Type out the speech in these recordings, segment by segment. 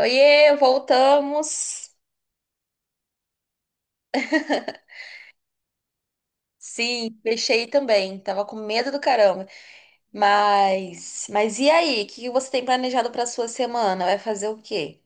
Oiê, voltamos! Sim, fechei também. Tava com medo do caramba. Mas e aí? O que que você tem planejado para sua semana? Vai fazer o quê?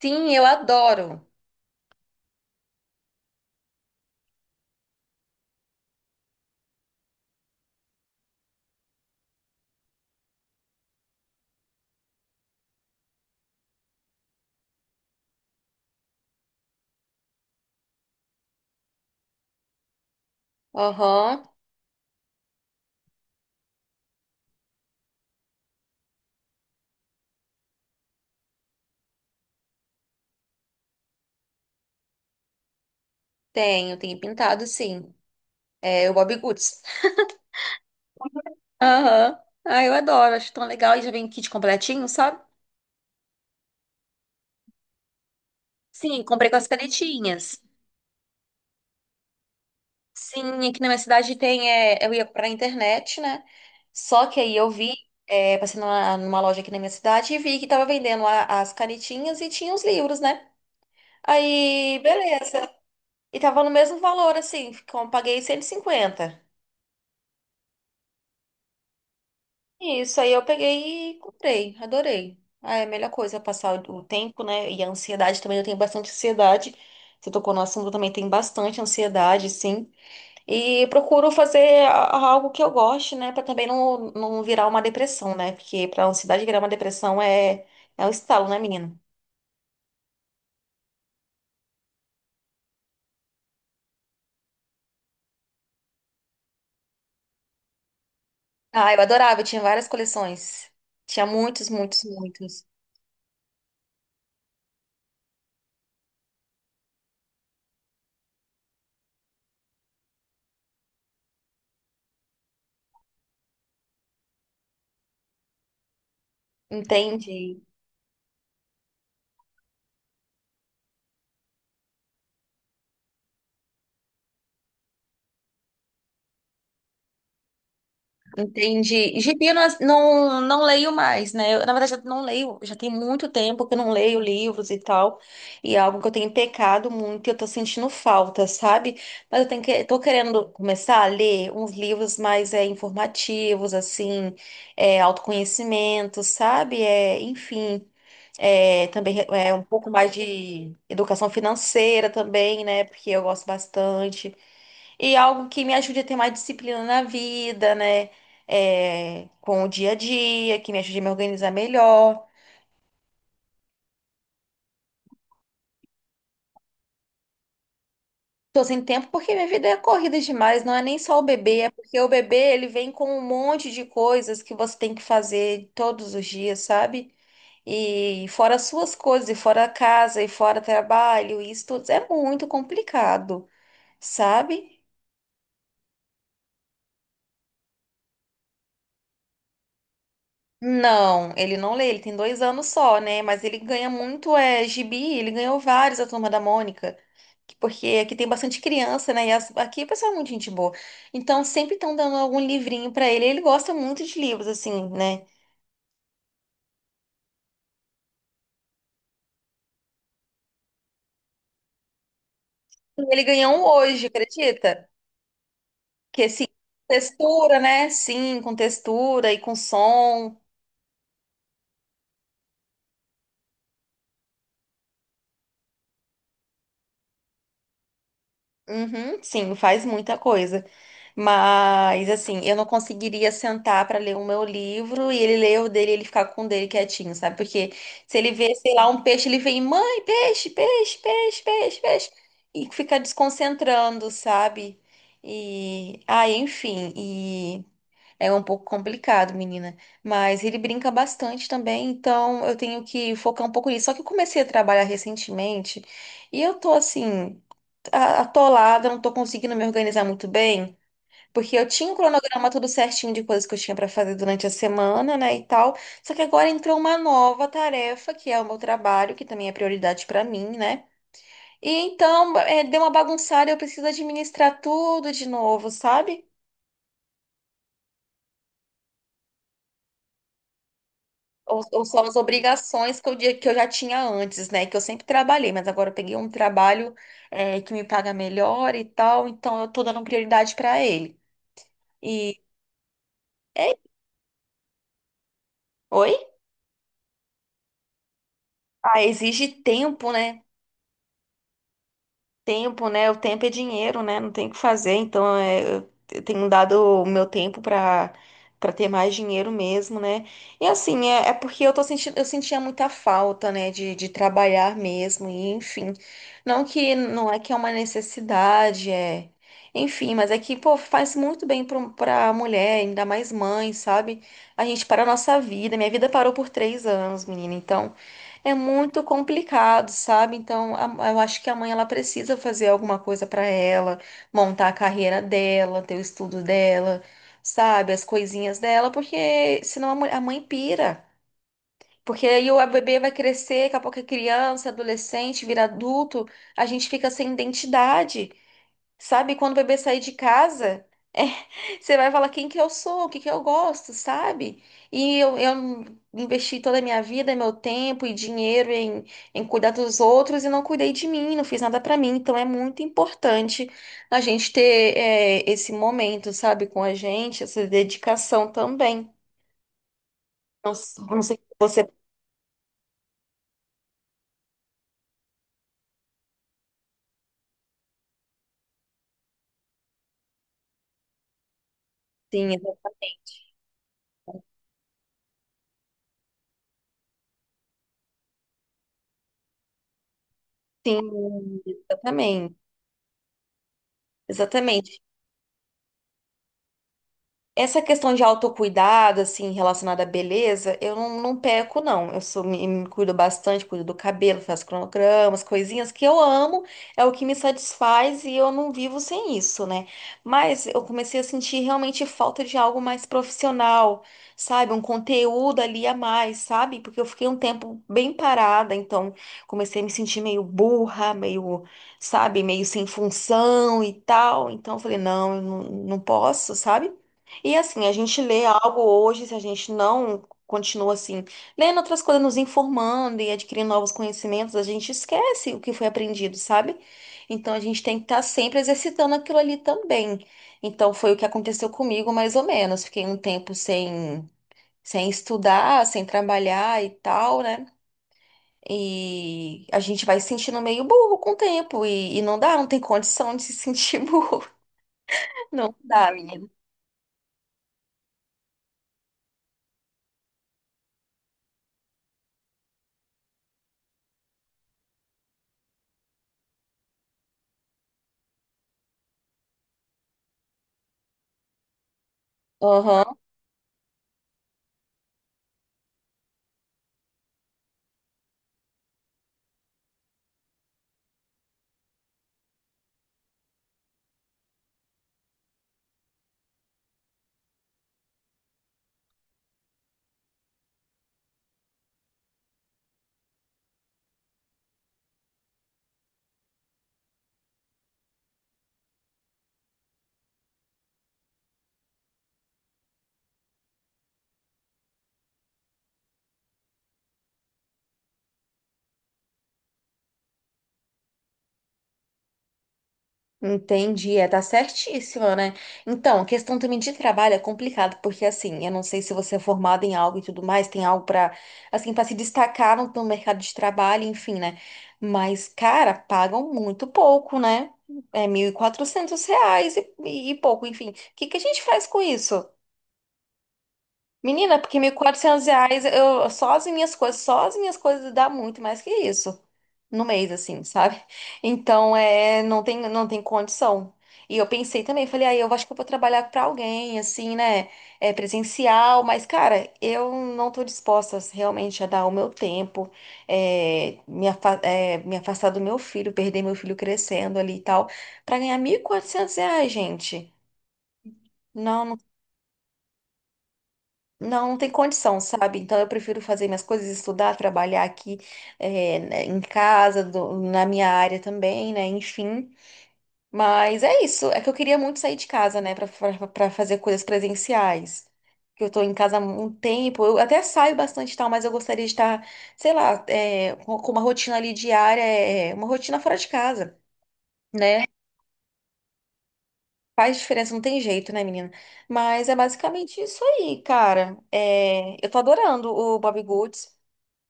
Sim, eu adoro. Aham, tenho pintado sim. É o Bob Goods. Aham. Ah, eu adoro, acho tão legal. E já vem kit completinho, sabe? Sim, comprei com as canetinhas. Sim, aqui na minha cidade tem. Eu ia comprar na internet, né? Só que aí eu vi, passei numa loja aqui na minha cidade e vi que tava vendendo as canetinhas e tinha os livros, né? Aí, beleza. E tava no mesmo valor, assim, paguei 150. Isso, aí eu peguei e comprei, adorei. Ah, é a melhor coisa, passar o tempo, né? E a ansiedade também, eu tenho bastante ansiedade. Você tocou no assunto, eu também tenho bastante ansiedade, sim. E procuro fazer algo que eu goste, né? Pra também não virar uma depressão, né? Porque pra ansiedade virar uma depressão é um estalo, né, menina? Ah, eu adorava, eu tinha várias coleções. Tinha muitos, muitos, muitos. Entendi. Entendi. Gibi eu não leio mais, né? Eu, na verdade, eu não leio, já tem muito tempo que eu não leio livros e tal. E é algo que eu tenho pecado muito e eu tô sentindo falta, sabe? Mas eu tenho que, tô querendo começar a ler uns livros mais informativos, assim, autoconhecimento, sabe? É, enfim, também é um pouco mais de educação financeira também, né? Porque eu gosto bastante. E algo que me ajude a ter mais disciplina na vida, né? É, com o dia a dia, que me ajude a me organizar melhor. Tô sem tempo porque minha vida é corrida demais, não é nem só o bebê, é porque o bebê ele vem com um monte de coisas que você tem que fazer todos os dias, sabe? E fora as suas coisas, e fora a casa, e fora trabalho, isso tudo é muito complicado, sabe? Não, ele não lê, ele tem 2 anos só, né? Mas ele ganha muito gibi, ele ganhou vários a Turma da Mônica, porque aqui tem bastante criança, né? E aqui o pessoal é muito gente boa. Então sempre estão dando algum livrinho pra ele, ele gosta muito de livros, assim, né? E ele ganhou um hoje, acredita? Que assim, textura, né? Sim, com textura e com som. Uhum, sim, faz muita coisa. Mas, assim, eu não conseguiria sentar para ler o meu livro e ele ler o dele e ele ficar com o dele quietinho, sabe? Porque se ele vê, sei lá, um peixe, ele vem, mãe, peixe, peixe, peixe, peixe, peixe, e fica desconcentrando, sabe? E, ah, enfim, e é um pouco complicado, menina. Mas ele brinca bastante também, então eu tenho que focar um pouco nisso. Só que eu comecei a trabalhar recentemente e eu tô assim atolada, não tô conseguindo me organizar muito bem, porque eu tinha um cronograma tudo certinho de coisas que eu tinha pra fazer durante a semana, né, e tal. Só que agora entrou uma nova tarefa, que é o meu trabalho, que também é prioridade pra mim, né? E então, é, deu uma bagunçada, eu preciso administrar tudo de novo, sabe? Ou são as obrigações que que eu já tinha antes, né? Que eu sempre trabalhei, mas agora eu peguei um trabalho, é, que me paga melhor e tal, então eu tô dando prioridade pra ele. E. é Oi? Ah, exige tempo, né? Tempo, né? O tempo é dinheiro, né? Não tem o que fazer. Então, é, eu tenho dado o meu tempo para ter mais dinheiro mesmo, né? E assim, é, é porque eu tô sentindo, eu sentia muita falta, né? De trabalhar mesmo, e enfim. Não que não é que é uma necessidade, é. Enfim, mas é que, pô, faz muito bem para pra mulher, ainda mais mãe, sabe? A gente para a nossa vida. Minha vida parou por 3 anos, menina. Então. É muito complicado, sabe? Então, eu acho que a mãe ela precisa fazer alguma coisa para ela, montar a carreira dela, ter o estudo dela, sabe? As coisinhas dela, porque senão a mãe pira. Porque aí o bebê vai crescer, daqui a pouco é criança, adolescente, vira adulto, a gente fica sem identidade, sabe? Quando o bebê sair de casa. Você vai falar quem que eu sou, o que que eu gosto, sabe? E eu investi toda a minha vida, meu tempo e dinheiro em cuidar dos outros e não cuidei de mim, não fiz nada pra mim. Então é muito importante a gente ter esse momento, sabe, com a gente, essa dedicação também. Não, não sei se você sim, sim, exatamente. Exatamente. Essa questão de autocuidado, assim, relacionada à beleza, eu não peco, não. Eu sou, me cuido bastante, cuido do cabelo, faço cronogramas, coisinhas que eu amo, é o que me satisfaz e eu não vivo sem isso, né? Mas eu comecei a sentir realmente falta de algo mais profissional, sabe? Um conteúdo ali a mais, sabe? Porque eu fiquei um tempo bem parada, então comecei a me sentir meio burra, meio sabe, meio sem função e tal. Então eu falei, não, eu não, não posso, sabe? E assim, a gente lê algo hoje, se a gente não continua assim, lendo outras coisas, nos informando e adquirindo novos conhecimentos, a gente esquece o que foi aprendido, sabe? Então a gente tem que estar sempre exercitando aquilo ali também. Então foi o que aconteceu comigo, mais ou menos. Fiquei um tempo sem estudar, sem trabalhar e tal, né? E a gente vai se sentindo meio burro com o tempo. E não dá, não tem condição de se sentir burro. Não dá, menina. Aham. Entendi, é, tá certíssima, né? Então, a questão também de trabalho é complicado, porque assim, eu não sei se você é formado em algo e tudo mais, tem algo pra assim, para se destacar no mercado de trabalho, enfim, né? Mas, cara, pagam muito pouco, né? É R$ 1.400 e pouco, enfim. O que que a gente faz com isso? Menina, porque R$ 1.400, eu, só as minhas coisas, só as minhas coisas dá muito mais que isso no mês, assim, sabe? Então, é, não tem condição. E eu pensei também, falei, aí eu acho que eu vou trabalhar pra alguém, assim, né? É presencial, mas, cara, eu não tô disposta realmente a dar o meu tempo, me afastar do meu filho, perder meu filho crescendo ali e tal, pra ganhar R$ 1.400, gente. Não, não, não tem condição, sabe? Então eu prefiro fazer minhas coisas, estudar, trabalhar aqui né, em casa, na minha área também, né? Enfim. Mas é isso. É que eu queria muito sair de casa, né? Pra fazer coisas presenciais. Que eu tô em casa há um tempo. Eu até saio bastante e tal, mas eu gostaria de estar, sei lá, com uma rotina ali diária, uma rotina fora de casa, né? Faz diferença, não tem jeito, né, menina? Mas é basicamente isso aí, cara. É, eu tô adorando o Bob Goods.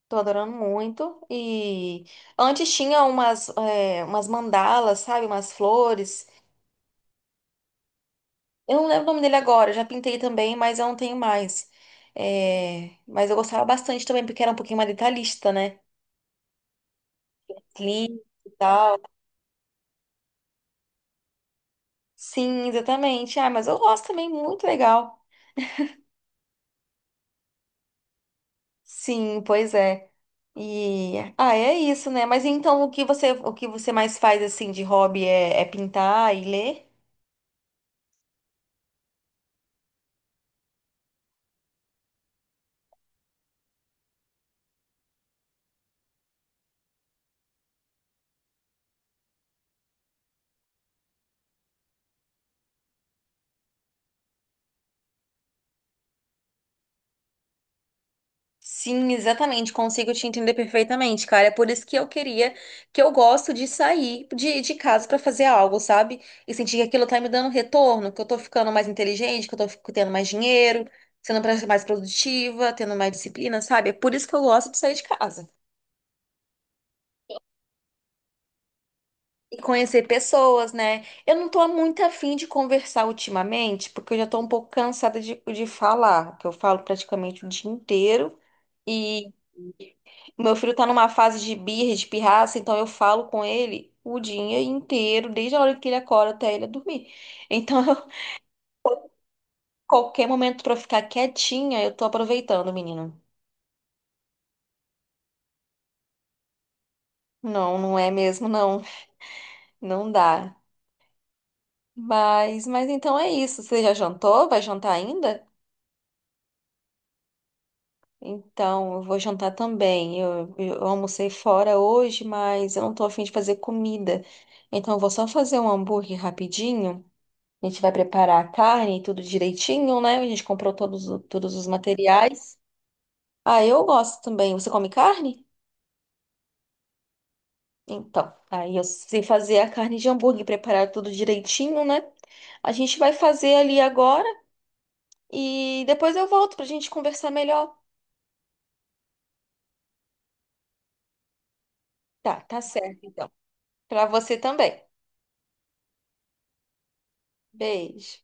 Tô adorando muito. E antes tinha umas mandalas, sabe? Umas flores. Eu não lembro o nome dele agora, eu já pintei também, mas eu não tenho mais. É, mas eu gostava bastante também, porque era um pouquinho mais detalhista, né? Clean e tal. Sim, exatamente. Ah, mas eu gosto também, muito legal. Sim, pois é. E ah, é isso, né? Mas então o que você mais faz assim de hobby é, é pintar e ler? Sim, exatamente, consigo te entender perfeitamente, cara. É por isso que eu queria, que eu gosto de sair de casa pra fazer algo, sabe? E sentir que aquilo tá me dando retorno, que eu tô ficando mais inteligente, que eu tô tendo mais dinheiro, sendo mais produtiva, tendo mais disciplina, sabe? É por isso que eu gosto de sair de casa. E conhecer pessoas, né? Eu não tô muito afim de conversar ultimamente, porque eu já tô um pouco cansada de falar, que eu falo praticamente o dia inteiro. Meu filho tá numa fase de birra, de pirraça, então eu falo com ele o dia inteiro, desde a hora que ele acorda até ele dormir. Então, qualquer momento pra eu ficar quietinha, eu tô aproveitando, menino. Não, não é mesmo, não. Não dá. Mas então é isso. Você já jantou? Vai jantar ainda? Então, eu vou jantar também. Eu almocei fora hoje, mas eu não tô afim de fazer comida. Então, eu vou só fazer um hambúrguer rapidinho. A gente vai preparar a carne, tudo direitinho, né? A gente comprou todos, todos os materiais. Ah, eu gosto também. Você come carne? Então, aí eu sei fazer a carne de hambúrguer, preparar tudo direitinho, né? A gente vai fazer ali agora e depois eu volto pra gente conversar melhor. Tá, tá certo, então. Pra você também. Beijo.